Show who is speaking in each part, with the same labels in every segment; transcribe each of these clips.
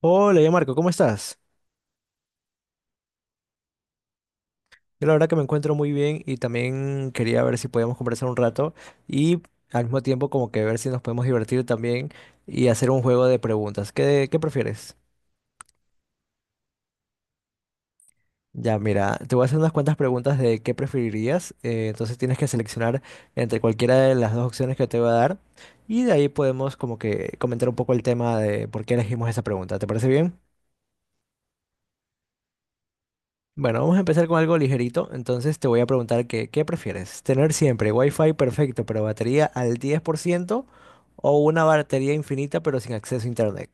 Speaker 1: Hola, ya Marco, ¿cómo estás? Yo la verdad que me encuentro muy bien y también quería ver si podíamos conversar un rato y al mismo tiempo como que ver si nos podemos divertir también y hacer un juego de preguntas. ¿¿Qué prefieres? Ya, mira, te voy a hacer unas cuantas preguntas de qué preferirías. Entonces tienes que seleccionar entre cualquiera de las dos opciones que te voy a dar y de ahí podemos como que comentar un poco el tema de por qué elegimos esa pregunta. ¿Te parece bien? Bueno, vamos a empezar con algo ligerito. Entonces te voy a preguntar que, ¿qué prefieres? ¿Tener siempre Wi-Fi perfecto pero batería al 10%, o una batería infinita pero sin acceso a internet?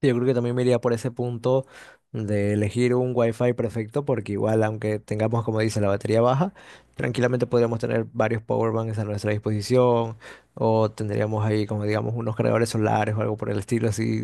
Speaker 1: Yo creo que también me iría por ese punto de elegir un Wi-Fi perfecto porque igual aunque tengamos, como dice, la batería baja, tranquilamente podríamos tener varios power banks a nuestra disposición o tendríamos ahí como digamos unos cargadores solares o algo por el estilo así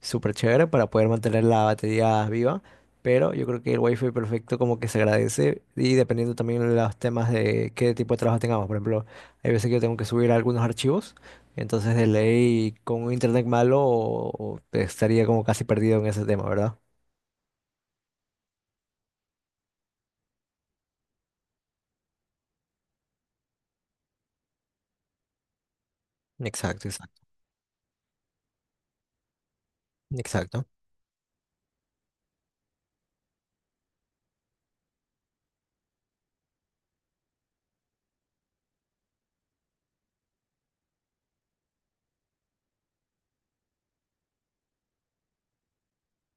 Speaker 1: súper chévere para poder mantener la batería viva, pero yo creo que el wifi perfecto como que se agradece y dependiendo también de los temas de qué tipo de trabajo tengamos. Por ejemplo, hay veces que yo tengo que subir algunos archivos, entonces de ley con un internet malo o estaría como casi perdido en ese tema, ¿verdad? Exacto, exacto, exacto.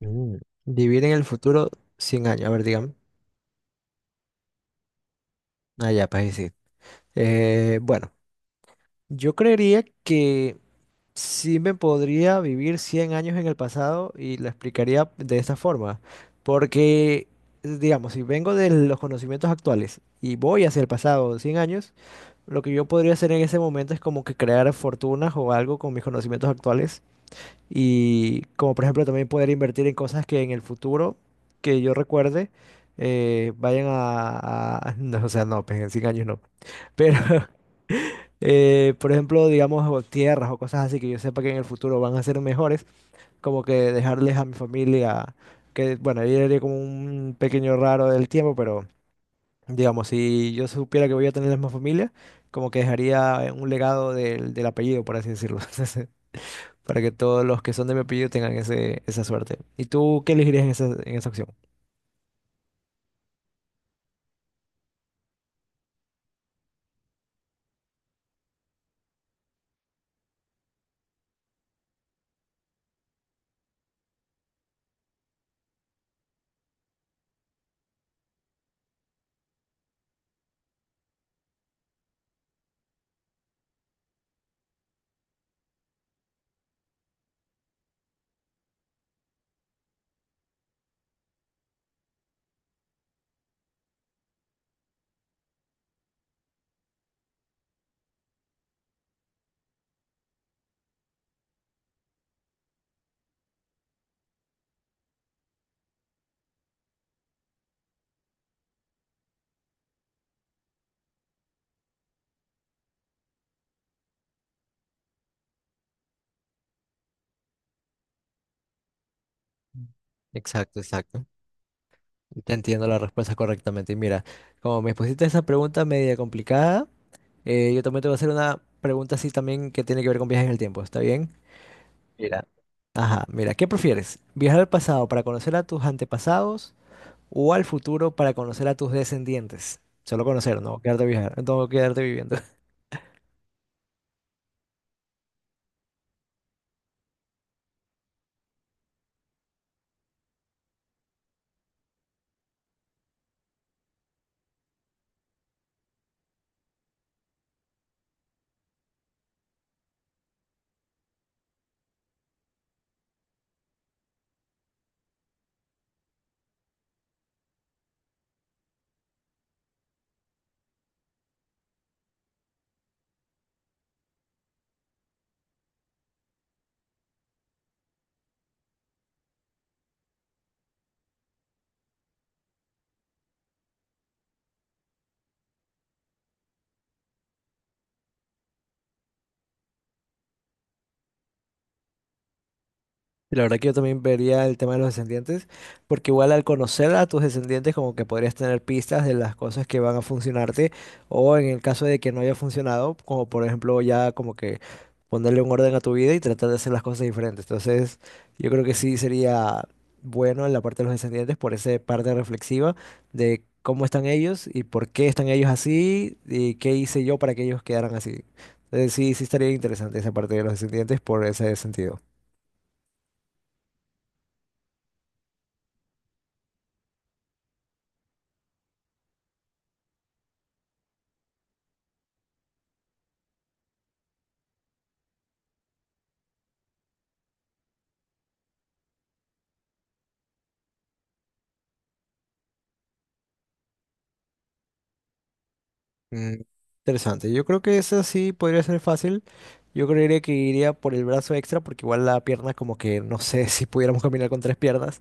Speaker 1: Mm. Vivir en el futuro 100 años, a ver, digan. Ah, ya, pues ahí sí. Bueno, yo creería que sí me podría vivir 100 años en el pasado y lo explicaría de esta forma, porque, digamos, si vengo de los conocimientos actuales y voy hacia el pasado 100 años, lo que yo podría hacer en ese momento es como que crear fortunas o algo con mis conocimientos actuales y como por ejemplo también poder invertir en cosas que en el futuro, que yo recuerde, No, o sea, no, pues en 100 años no. Pero por ejemplo, digamos, o tierras o cosas así que yo sepa que en el futuro van a ser mejores, como que dejarles a mi familia, que bueno, yo haría como un pequeño raro del tiempo, pero digamos, si yo supiera que voy a tener la misma familia, como que dejaría un legado del apellido, por así decirlo, entonces, para que todos los que son de mi apellido tengan esa suerte. ¿Y tú qué elegirías en en esa opción? Exacto, exacto. Te entiendo la respuesta correctamente. Y mira, como me pusiste esa pregunta media complicada, yo también te voy a hacer una pregunta así también que tiene que ver con viajes en el tiempo, ¿está bien? Mira, ajá, mira, ¿qué prefieres? ¿Viajar al pasado para conocer a tus antepasados o al futuro para conocer a tus descendientes? Solo conocer, no quedarte viajar, no quedarte viviendo. Y la verdad que yo también vería el tema de los descendientes, porque igual al conocer a tus descendientes como que podrías tener pistas de las cosas que van a funcionarte o en el caso de que no haya funcionado, como por ejemplo ya como que ponerle un orden a tu vida y tratar de hacer las cosas diferentes. Entonces yo creo que sí sería bueno en la parte de los descendientes por esa parte reflexiva de cómo están ellos y por qué están ellos así y qué hice yo para que ellos quedaran así. Entonces sí, sí estaría interesante esa parte de los descendientes por ese sentido. Mm, interesante. Yo creo que esa sí podría ser fácil. Yo creería que iría por el brazo extra porque igual la pierna como que no sé si pudiéramos caminar con tres piernas.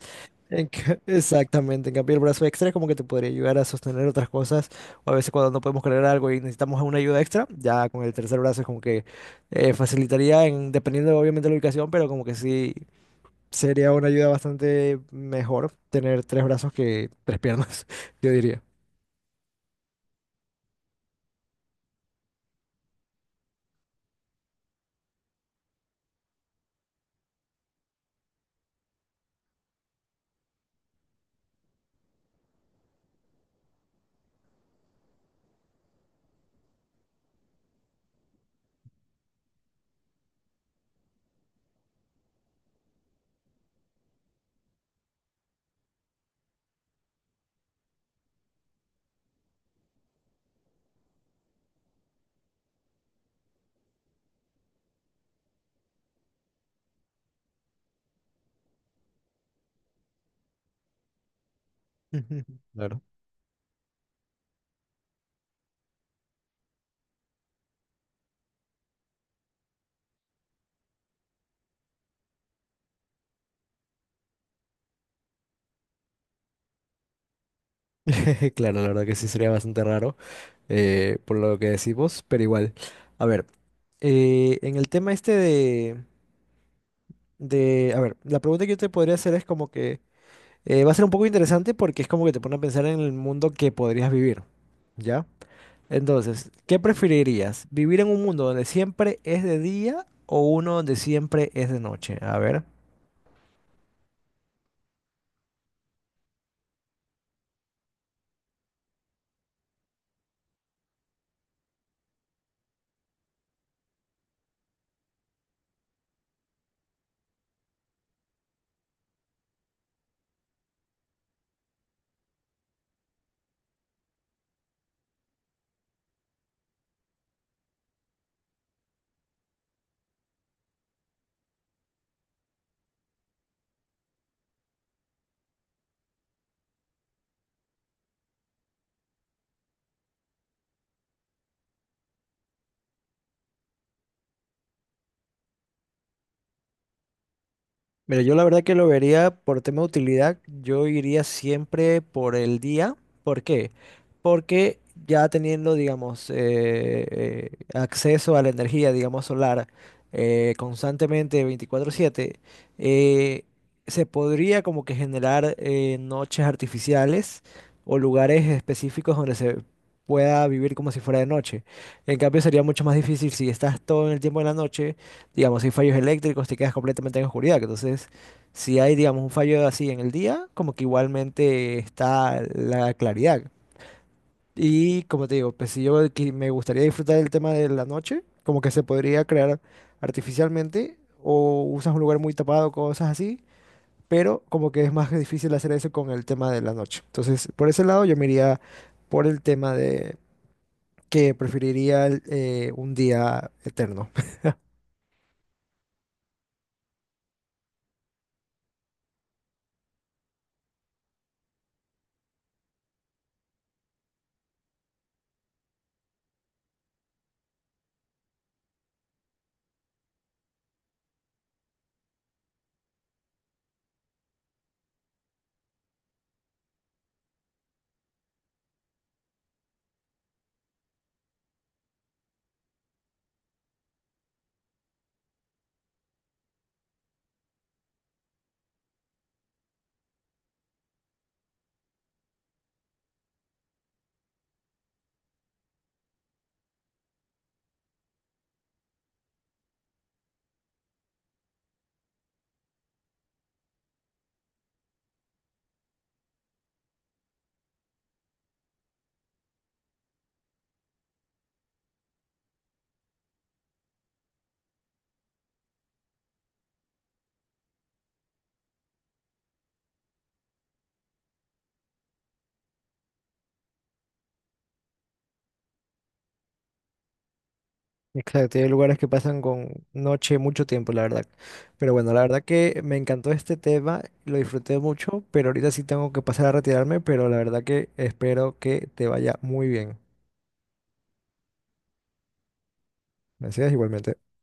Speaker 1: Exactamente, en cambio el brazo extra es como que te podría ayudar a sostener otras cosas o a veces cuando no podemos cargar algo y necesitamos una ayuda extra, ya con el tercer brazo es como que facilitaría en, dependiendo obviamente de la ubicación, pero como que sí sería una ayuda bastante mejor tener tres brazos que tres piernas, yo diría. Ujú. Claro. Claro, la verdad que sí sería bastante raro por lo que decimos, pero igual. A ver, en el tema este de... A ver, la pregunta que yo te podría hacer es como que va a ser un poco interesante porque es como que te pone a pensar en el mundo que podrías vivir, ¿ya? Entonces, ¿qué preferirías? ¿Vivir en un mundo donde siempre es de día o uno donde siempre es de noche? A ver. Mira, yo la verdad que lo vería por tema de utilidad, yo iría siempre por el día. ¿Por qué? Porque ya teniendo, digamos, acceso a la energía, digamos, solar constantemente 24/7, eh, se podría como que generar noches artificiales o lugares específicos donde se pueda vivir como si fuera de noche. En cambio, sería mucho más difícil si estás todo el tiempo de la noche. Digamos, si fallos eléctricos, te quedas completamente en oscuridad. Que Entonces, si hay, digamos, un fallo así en el día, como que igualmente está la claridad. Y como te digo, pues si me gustaría disfrutar del tema de la noche, como que se podría crear artificialmente o usas un lugar muy tapado, cosas así, pero como que es más difícil hacer eso con el tema de la noche. Entonces, por ese lado yo me iría por el tema de que preferiría el, un día eterno. Exacto, y hay lugares que pasan con noche mucho tiempo, la verdad. Pero bueno, la verdad que me encantó este tema, lo disfruté mucho, pero ahorita sí tengo que pasar a retirarme, pero la verdad que espero que te vaya muy bien. Gracias, igualmente.